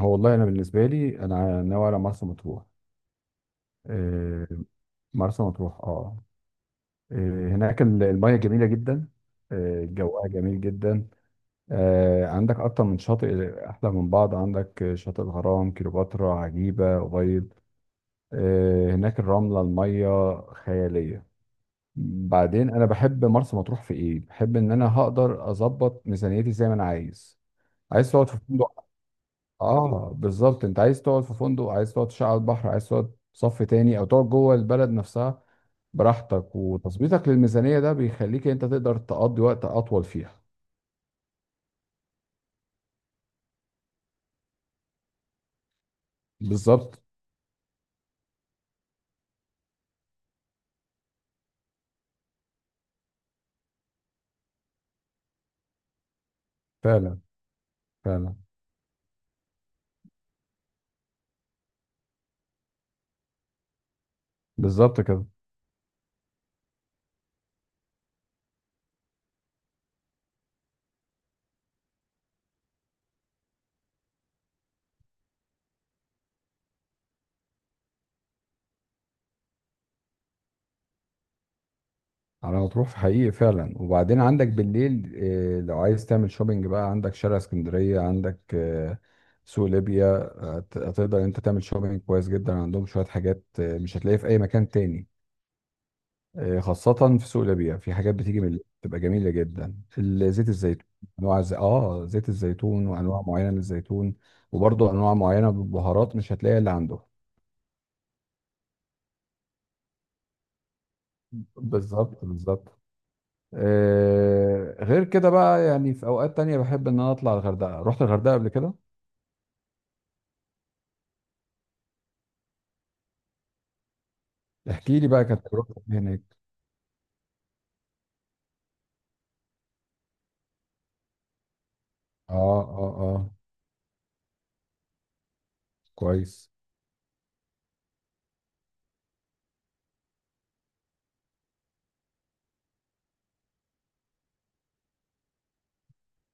هو والله انا بالنسبه لي انا ناوي على مرسى مطروح. آه، مرسى مطروح اه. هناك المياه جميله جدا. جوها جميل جدا. عندك اكتر من شاطئ احلى من بعض، عندك شاطئ الغرام، كليوباترا، عجيبه، أبيض. هناك الرمله المياه خياليه. بعدين انا بحب مرسى مطروح في ايه؟ بحب ان انا هقدر اظبط ميزانيتي زي ما انا عايز. عايز تقعد في فندق؟ اه بالظبط، انت عايز تقعد في فندق، عايز تقعد تشعل على البحر، عايز تقعد صف تاني او تقعد جوه البلد نفسها براحتك، وتظبيطك للميزانية ده بيخليك انت تقدر تقضي وقت اطول فيها. بالظبط. فعلا، فعلا. بالظبط كده. على ما تروح في حقيقي فعلا. وبعدين عندك بالليل إيه؟ لو عايز تعمل شوبينج بقى، عندك شارع اسكندرية، عندك سوق ليبيا. هتقدر انت تعمل شوبينج كويس جدا، عندهم شوية حاجات مش هتلاقيها في اي مكان تاني. خاصة في سوق الأبيع، في حاجات بتيجي من بتبقى جميلة جدا، زيت الزيتون. أنواع ز... آه زيت الزيتون وأنواع معينة من الزيتون. وبرضه أنواع معينة من البهارات مش هتلاقيها اللي عنده. بالظبط، بالظبط. آه غير كده بقى، يعني في أوقات تانية بحب إن أنا أطلع الغردقة. رحت الغردقة قبل كده. احكي لي بقى، كانت تجربتك هناك. آه آه آه. كويس.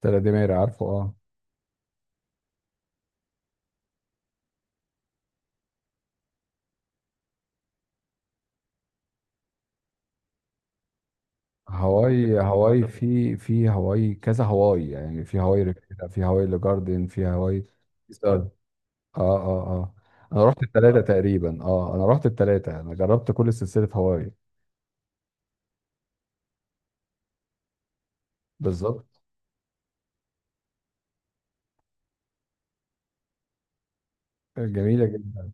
تلات دمير، عارفه، آه. هواي، هواي، في في هواي كذا، هواي يعني في هواي ريفيرا، في هواي لجاردن، في هواي ستار. اه اه اه. انا رحت التلاتة تقريبا، اه انا رحت التلاتة، انا جربت كل سلسلة هواي. بالظبط. جميلة جدا.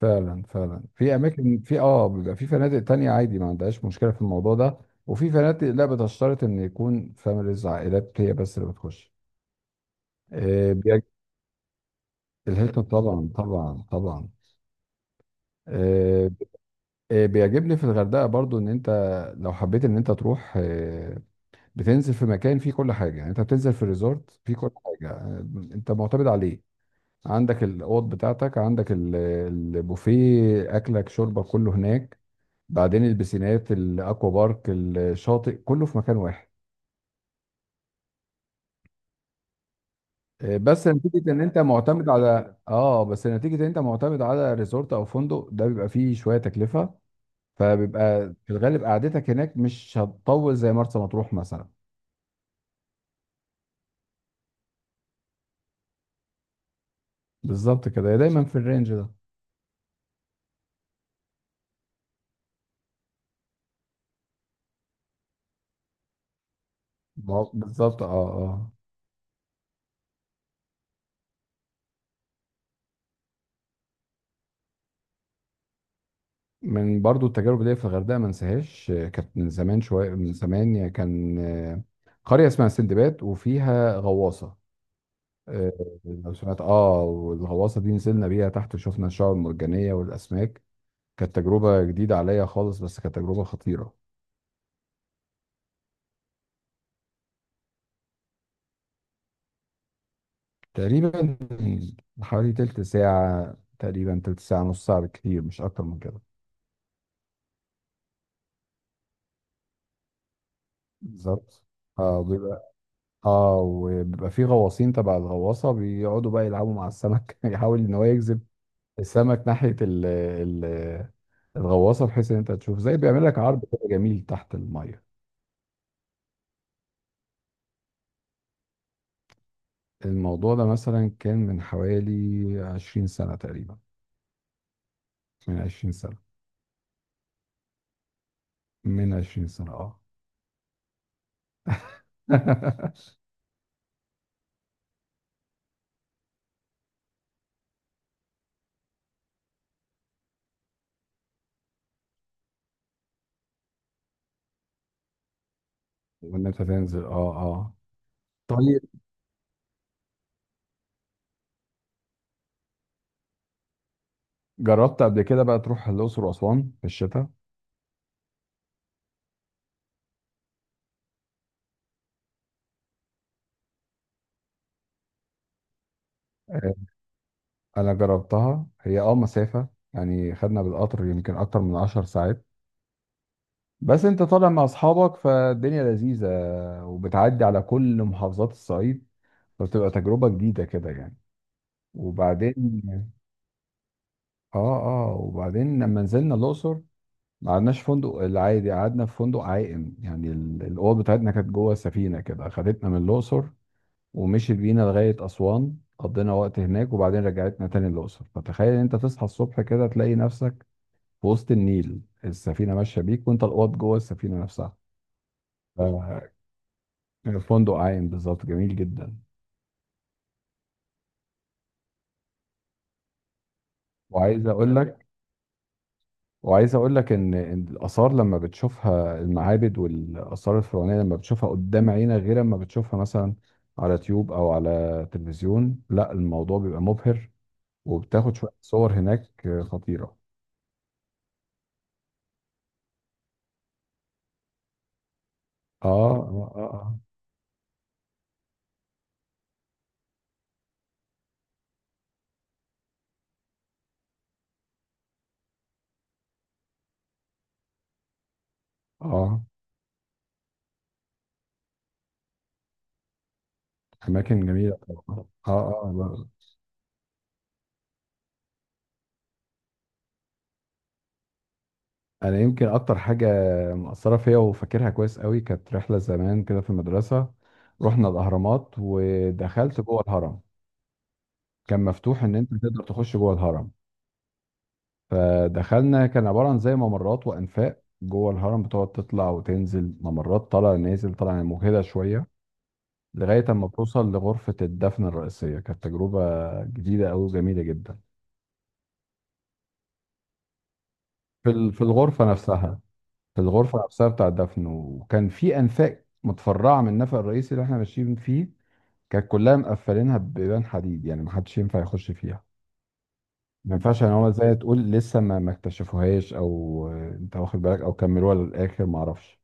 فعلا، فعلا، في اماكن، في اه بيبقى في فنادق تانية عادي ما عندهاش مشكلة في الموضوع ده. وفي فنادق لا، بتشترط ان يكون فاميليز، عائلات هي بس اللي بتخش. آه بيج- الهيلتون طبعا، طبعا، طبعا. آه، بيعجبني في الغردقه برضو ان انت لو حبيت ان انت تروح، بتنزل في مكان فيه كل حاجه، يعني انت بتنزل في الريزورت فيه كل حاجه، انت معتمد عليه. عندك الاوض بتاعتك، عندك البوفيه، اكلك شربك كله هناك. بعدين البسينات، الاكوا بارك، الشاطئ، كله في مكان واحد. بس نتيجه ان انت معتمد على ريزورت او فندق، ده بيبقى فيه شويه تكلفه. فبيبقى في الغالب قعدتك هناك مش هتطول زي مرسى مطروح مثلا. بالظبط كده، هي دايما في الرينج ده. بالظبط اه. اه. من برضو التجارب دي في الغردقه ما انساهاش، كانت من زمان شويه، من زمان يعني، كان قريه اسمها سندباد وفيها غواصه. آه، لو سمعت اه، والغواصه دي نزلنا بيها تحت، شفنا الشعاب المرجانيه والاسماك. كانت تجربه جديده عليا خالص، بس كانت تجربه خطيره. تقريبا حوالي تلت ساعه، تقريبا تلت ساعه، نص ساعه بالكتير، مش اكتر من كده. بالظبط. اه. اه وبيبقى في غواصين تبع الغواصه بيقعدوا بقى يلعبوا مع السمك يحاول ان هو يجذب السمك ناحيه ال الغواصه، بحيث ان انت تشوف زي بيعمل لك عرض كده جميل تحت الميه. الموضوع ده مثلا كان من حوالي 20 سنه تقريبا، من 20 سنه، من 20 سنه اه. وان انت تنزل اه اه. طيب، جربت قبل كده بقى تروح الاقصر واسوان في الشتاء؟ آه، انا جربتها، هي اه مسافه يعني، خدنا بالقطر يمكن اكتر من 10 ساعات. بس انت طالع مع اصحابك فالدنيا لذيذة، وبتعدي على كل محافظات الصعيد، فبتبقى تجربة جديدة كده يعني. وبعدين اه، اه وبعدين لما نزلنا الاقصر ما قعدناش فندق العادي، قعدنا في فندق عائم، يعني الاوض بتاعتنا كانت جوه السفينة كده، خدتنا من الاقصر ومشيت بينا لغاية اسوان، قضينا وقت هناك وبعدين رجعتنا تاني الاقصر. فتخيل ان انت تصحى الصبح كده تلاقي نفسك في وسط النيل، السفينة ماشية بيك وانت الاوض جوه السفينة نفسها. فندق عايم بالظبط، جميل جدا. وعايز اقول آه، لك وعايز اقول لك ان إن الاثار لما بتشوفها، المعابد والاثار الفرعونيه لما بتشوفها قدام عينك، غير لما بتشوفها مثلا على يوتيوب او على تلفزيون. لا الموضوع بيبقى مبهر. وبتاخد شويه صور هناك خطيره. اه اه اه. اه اماكن جميله طبعا. اه اه لا. انا يمكن اكتر حاجه مأثره فيا وفاكرها كويس قوي، كانت رحله زمان كده في المدرسه، رحنا الاهرامات ودخلت جوه الهرم. كان مفتوح ان انت تقدر تخش جوه الهرم. فدخلنا، كان عباره عن زي ممرات وانفاق جوه الهرم، بتقعد تطلع وتنزل ممرات، طالع نازل طالع، مجهده شويه، لغايه اما بتوصل لغرفه الدفن الرئيسيه. كانت تجربه جديده قوي وجميله جدا. في الغرفه نفسها بتاع الدفن. وكان في انفاق متفرعه من النفق الرئيسي اللي احنا ماشيين فيه، كانت كلها مقفلينها ببيبان حديد يعني محدش ينفع يخش فيها. ما ينفعش يعني، هو زي تقول لسه ما اكتشفوهاش، او آه، انت واخد بالك، او كملوها للاخر ما اعرفش.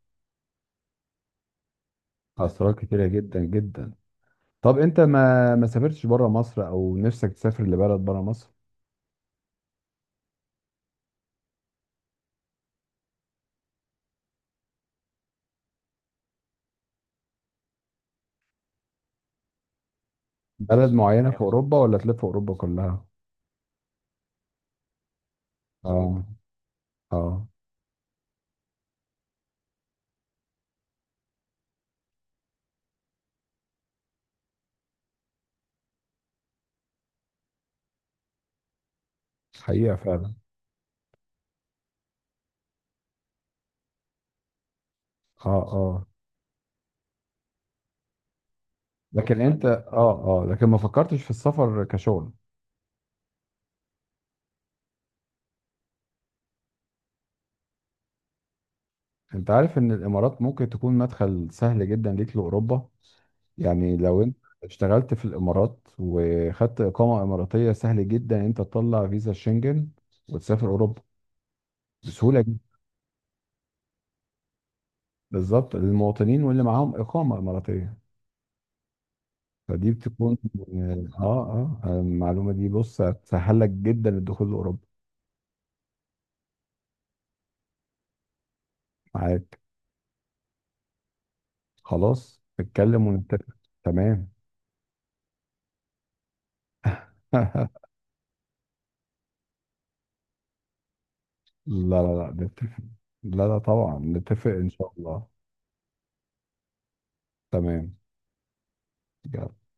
اسرار كتيره جدا جدا. طب انت ما سافرتش بره مصر، او نفسك تسافر لبلد بره مصر؟ بلد معينه في اوروبا ولا تلف اوروبا كلها؟ اه اه. حقيقه فعلا. اه اه. لكن انت اه اه لكن ما فكرتش في السفر كشغل؟ انت عارف ان الامارات ممكن تكون مدخل سهل جدا ليك لاوروبا؟ يعني لو انت اشتغلت في الامارات وخدت اقامه اماراتيه، سهل جدا انت تطلع فيزا شنجن وتسافر اوروبا. بسهوله جدا. بالظبط، للمواطنين واللي معاهم اقامه اماراتيه. فدي بتكون اه، اه المعلومه دي بص هتسهل لك جدا الدخول لاوروبا. معاك. خلاص نتكلم ونتفق. تمام. لا. لا لا نتفق، لا لا طبعا نتفق ان شاء الله. تمام. يلا.